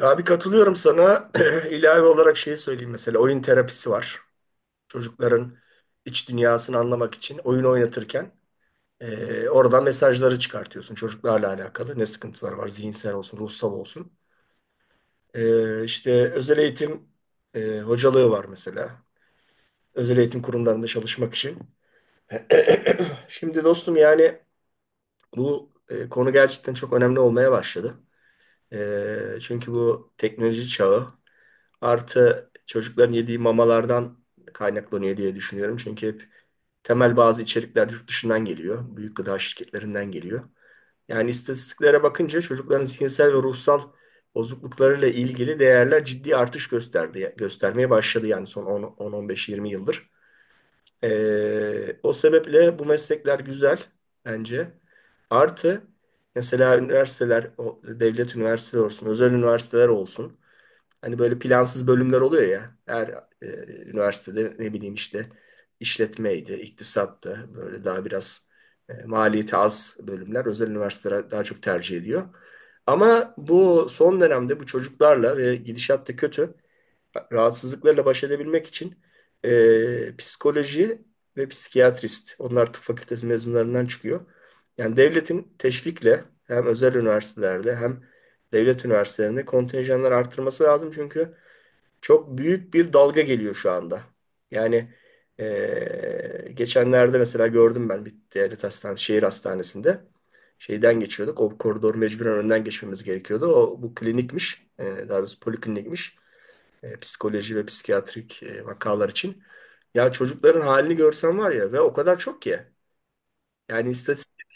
Abi katılıyorum sana. İlave olarak şey söyleyeyim mesela. Oyun terapisi var. Çocukların iç dünyasını anlamak için oyun oynatırken oradan mesajları çıkartıyorsun. Çocuklarla alakalı ne sıkıntılar var, zihinsel olsun, ruhsal olsun. İşte özel eğitim hocalığı var mesela. Özel eğitim kurumlarında çalışmak için. Şimdi dostum, yani bu konu gerçekten çok önemli olmaya başladı. Çünkü bu teknoloji çağı. Artı, çocukların yediği mamalardan kaynaklanıyor diye düşünüyorum. Çünkü hep temel bazı içerikler yurt dışından geliyor. Büyük gıda şirketlerinden geliyor. Yani istatistiklere bakınca çocukların zihinsel ve ruhsal bozukluklarıyla ilgili değerler ciddi artış gösterdi, göstermeye başladı, yani son 10-15-20 yıldır. O sebeple bu meslekler güzel bence. Artı, mesela üniversiteler, o devlet üniversiteleri olsun, özel üniversiteler olsun. Hani böyle plansız bölümler oluyor ya. Her e, üniversitede ne bileyim işte, işletmeydi, iktisattı. Böyle daha biraz maliyeti az bölümler özel üniversiteler daha çok tercih ediyor. Ama bu son dönemde bu çocuklarla ve gidişat da kötü rahatsızlıklarla baş edebilmek için psikoloji ve psikiyatrist. Onlar tıp fakültesi mezunlarından çıkıyor. Yani devletin teşvikle hem özel üniversitelerde hem devlet üniversitelerinde kontenjanları artırması lazım. Çünkü çok büyük bir dalga geliyor şu anda. Yani e, geçenlerde mesela gördüm ben, bir devlet hastanesi, şehir hastanesinde şeyden geçiyorduk. O koridor mecburen önden geçmemiz gerekiyordu. O bu klinikmiş. E, daha doğrusu poliklinikmiş psikoloji ve psikiyatrik vakalar için. Ya çocukların halini görsen var ya, ve o kadar çok ki. Yani istatistik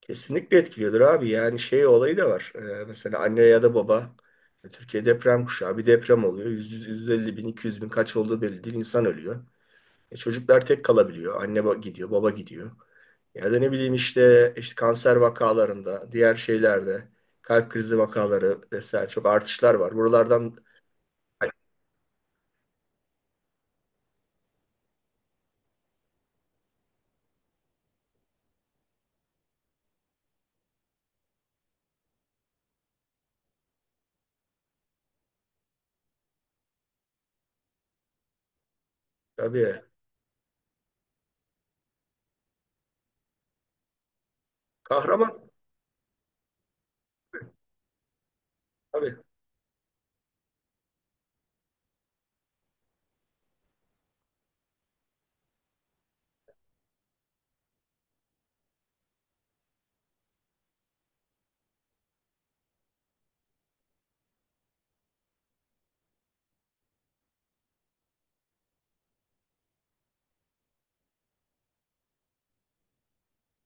kesinlikle etkiliyordur abi. Yani şey olayı da var. Mesela anne ya da baba Türkiye deprem kuşağı, bir deprem oluyor. 100, 150 bin, 200 bin, kaç olduğu belli değil. İnsan ölüyor. Çocuklar tek kalabiliyor. Anne ba- gidiyor, baba gidiyor. Ya da ne bileyim işte, işte kanser vakalarında, diğer şeylerde, kalp krizi vakaları vesaire çok artışlar var. Buralardan tabii kahraman. Tabii.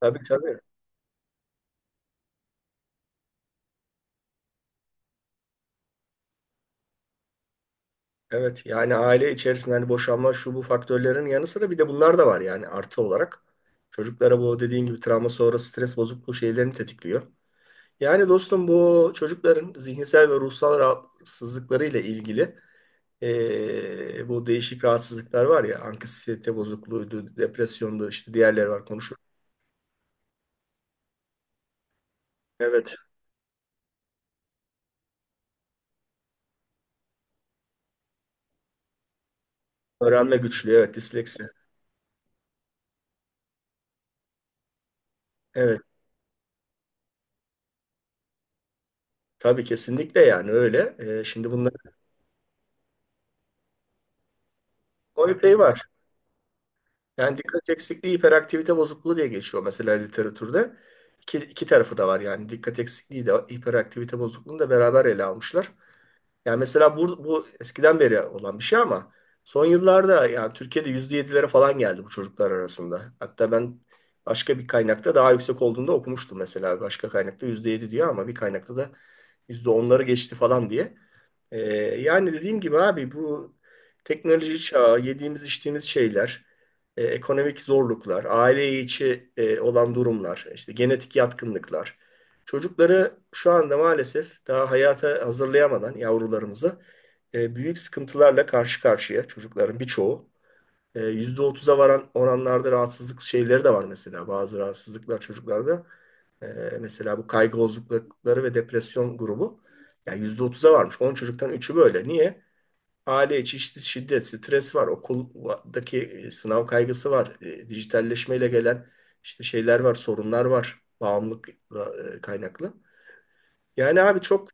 Tabii, tabii. Evet, yani aile içerisinde hani boşanma şu bu faktörlerin yanı sıra bir de bunlar da var yani artı olarak. Çocuklara bu dediğin gibi travma sonrası stres bozukluğu şeylerini tetikliyor. Yani dostum, bu çocukların zihinsel ve ruhsal rahatsızlıkları ile ilgili bu değişik rahatsızlıklar var ya, anksiyete bozukluğuydu, depresyondu, işte diğerleri var konuşuruz. Evet, öğrenme güçlüğü, evet disleksi. Evet, tabii kesinlikle yani öyle. Şimdi bunların o epey var. Yani dikkat eksikliği hiperaktivite bozukluğu diye geçiyor mesela literatürde. İki, iki tarafı da var yani, dikkat eksikliği de hiperaktivite bozukluğunu da beraber ele almışlar. Yani mesela bu, bu eskiden beri olan bir şey ama son yıllarda yani Türkiye'de %7'lere falan geldi bu çocuklar arasında. Hatta ben başka bir kaynakta daha yüksek olduğunu da okumuştum mesela. Başka kaynakta %7 diyor ama bir kaynakta da %10'ları geçti falan diye. Ee, Yani dediğim gibi abi, bu teknoloji çağı, yediğimiz içtiğimiz şeyler, ekonomik zorluklar, aile içi olan durumlar, işte genetik yatkınlıklar. Çocukları şu anda maalesef daha hayata hazırlayamadan yavrularımızı büyük sıkıntılarla karşı karşıya, çocukların birçoğu. Yüzde otuz'a varan oranlarda rahatsızlık şeyleri de var mesela, bazı rahatsızlıklar çocuklarda. E, Mesela bu kaygı bozuklukları ve depresyon grubu, yani %30'a varmış. 10 çocuktan üçü böyle. Niye? Aile içi işte şiddet, stres var, okuldaki sınav kaygısı var, dijitalleşmeyle gelen işte şeyler var, sorunlar var. Bağımlılık kaynaklı. Yani abi çok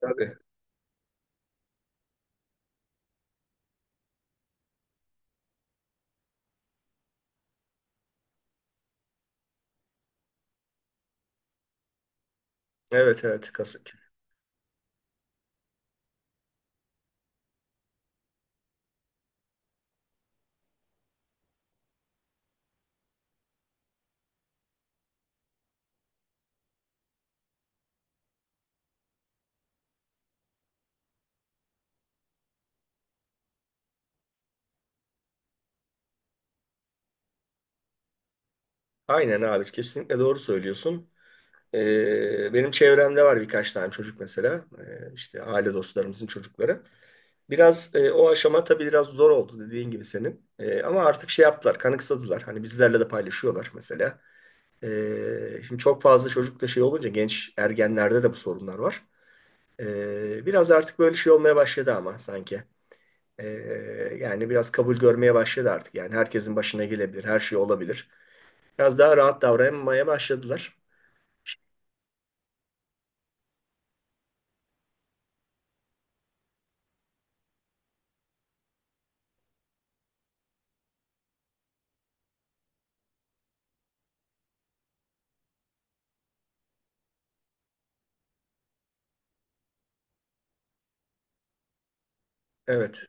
tabii. Evet, evet kasık. Aynen abi, kesinlikle doğru söylüyorsun. Benim çevremde var birkaç tane çocuk mesela. İşte aile dostlarımızın çocukları. Biraz o aşama tabii biraz zor oldu dediğin gibi senin. E, ama artık şey yaptılar, kanıksadılar. Hani bizlerle de paylaşıyorlar mesela. Şimdi çok fazla çocukta şey olunca, genç ergenlerde de bu sorunlar var. Biraz artık böyle şey olmaya başladı ama sanki. E, Yani biraz kabul görmeye başladı artık. Yani herkesin başına gelebilir, her şey olabilir. Biraz daha rahat davranmaya başladılar. Evet,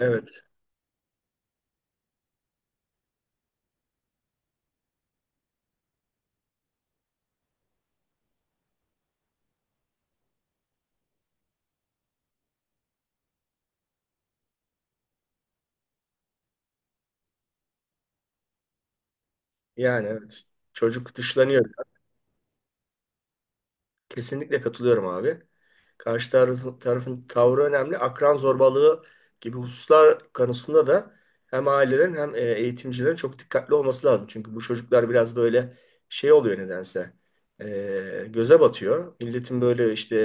evet. Yani evet. Çocuk dışlanıyor. Kesinlikle katılıyorum abi. Karşı tarafın tavrı önemli. Akran zorbalığı gibi hususlar konusunda da hem ailelerin hem eğitimcilerin çok dikkatli olması lazım. Çünkü bu çocuklar biraz böyle şey oluyor nedense. Göze batıyor. Milletin böyle işte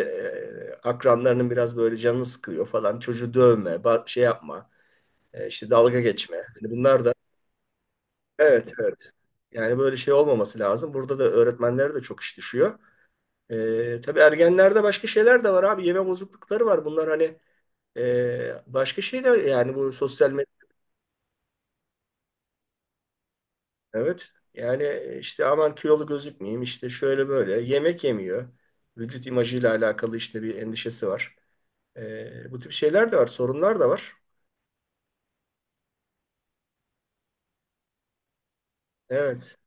akranlarının biraz böyle canını sıkıyor falan. Çocuğu dövme, ba- şey yapma, işte dalga geçme. Hani bunlar da, evet evet. Yani böyle şey olmaması lazım. Burada da öğretmenlere de çok iş düşüyor. Tabii ergenlerde başka şeyler de var abi. Yeme bozuklukları var. Bunlar hani başka şeyler, yani bu sosyal medya. Evet. Yani işte aman kilolu gözükmeyeyim, işte şöyle böyle. Yemek yemiyor. Vücut imajıyla alakalı işte bir endişesi var. Bu tip şeyler de var. Sorunlar da var. Evet.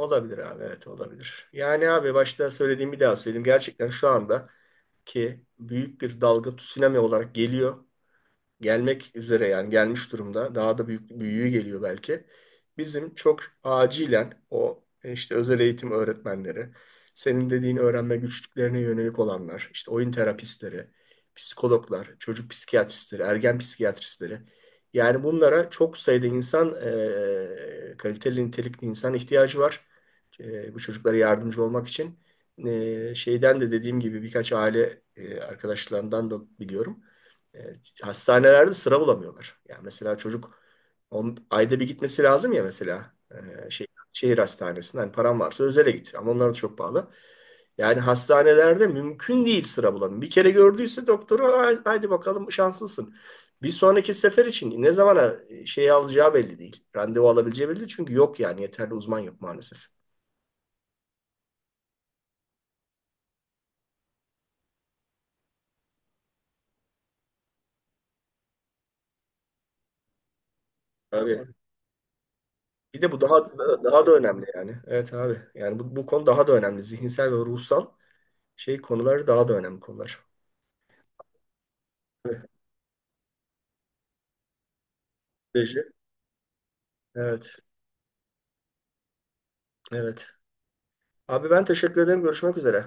Olabilir abi. Evet olabilir. Yani abi başta söylediğim bir daha söyleyeyim. Gerçekten şu anda ki büyük bir dalga tsunami olarak geliyor. Gelmek üzere, yani gelmiş durumda. Daha da büyük büyüğü geliyor belki. Bizim çok acilen o işte özel eğitim öğretmenleri, senin dediğin öğrenme güçlüklerine yönelik olanlar, işte oyun terapistleri, psikologlar, çocuk psikiyatristleri, ergen psikiyatristleri. Yani bunlara çok sayıda insan, kaliteli nitelikli insan ihtiyacı var. Bu çocuklara yardımcı olmak için. Şeyden de dediğim gibi birkaç aile arkadaşlarından da biliyorum. E, Hastanelerde sıra bulamıyorlar. Yani mesela çocuk on, ayda bir gitmesi lazım ya, mesela şey, şehir hastanesinde, hani param varsa özele git, ama onlar da çok pahalı. Yani hastanelerde mümkün değil, sıra bulamıyor. Bir kere gördüyse doktoru, "Hay- haydi bakalım, şanslısın. Bir sonraki sefer için ne zamana şeyi alacağı belli değil. Randevu alabileceği belli değil. Çünkü yok, yani yeterli uzman yok maalesef. Abi bir de bu daha daha daha da önemli yani. Evet abi. Yani bu, bu konu daha da önemli. Zihinsel ve ruhsal şey konuları daha da önemli konular. Beji. Evet. Evet. Abi, ben teşekkür ederim. Görüşmek üzere.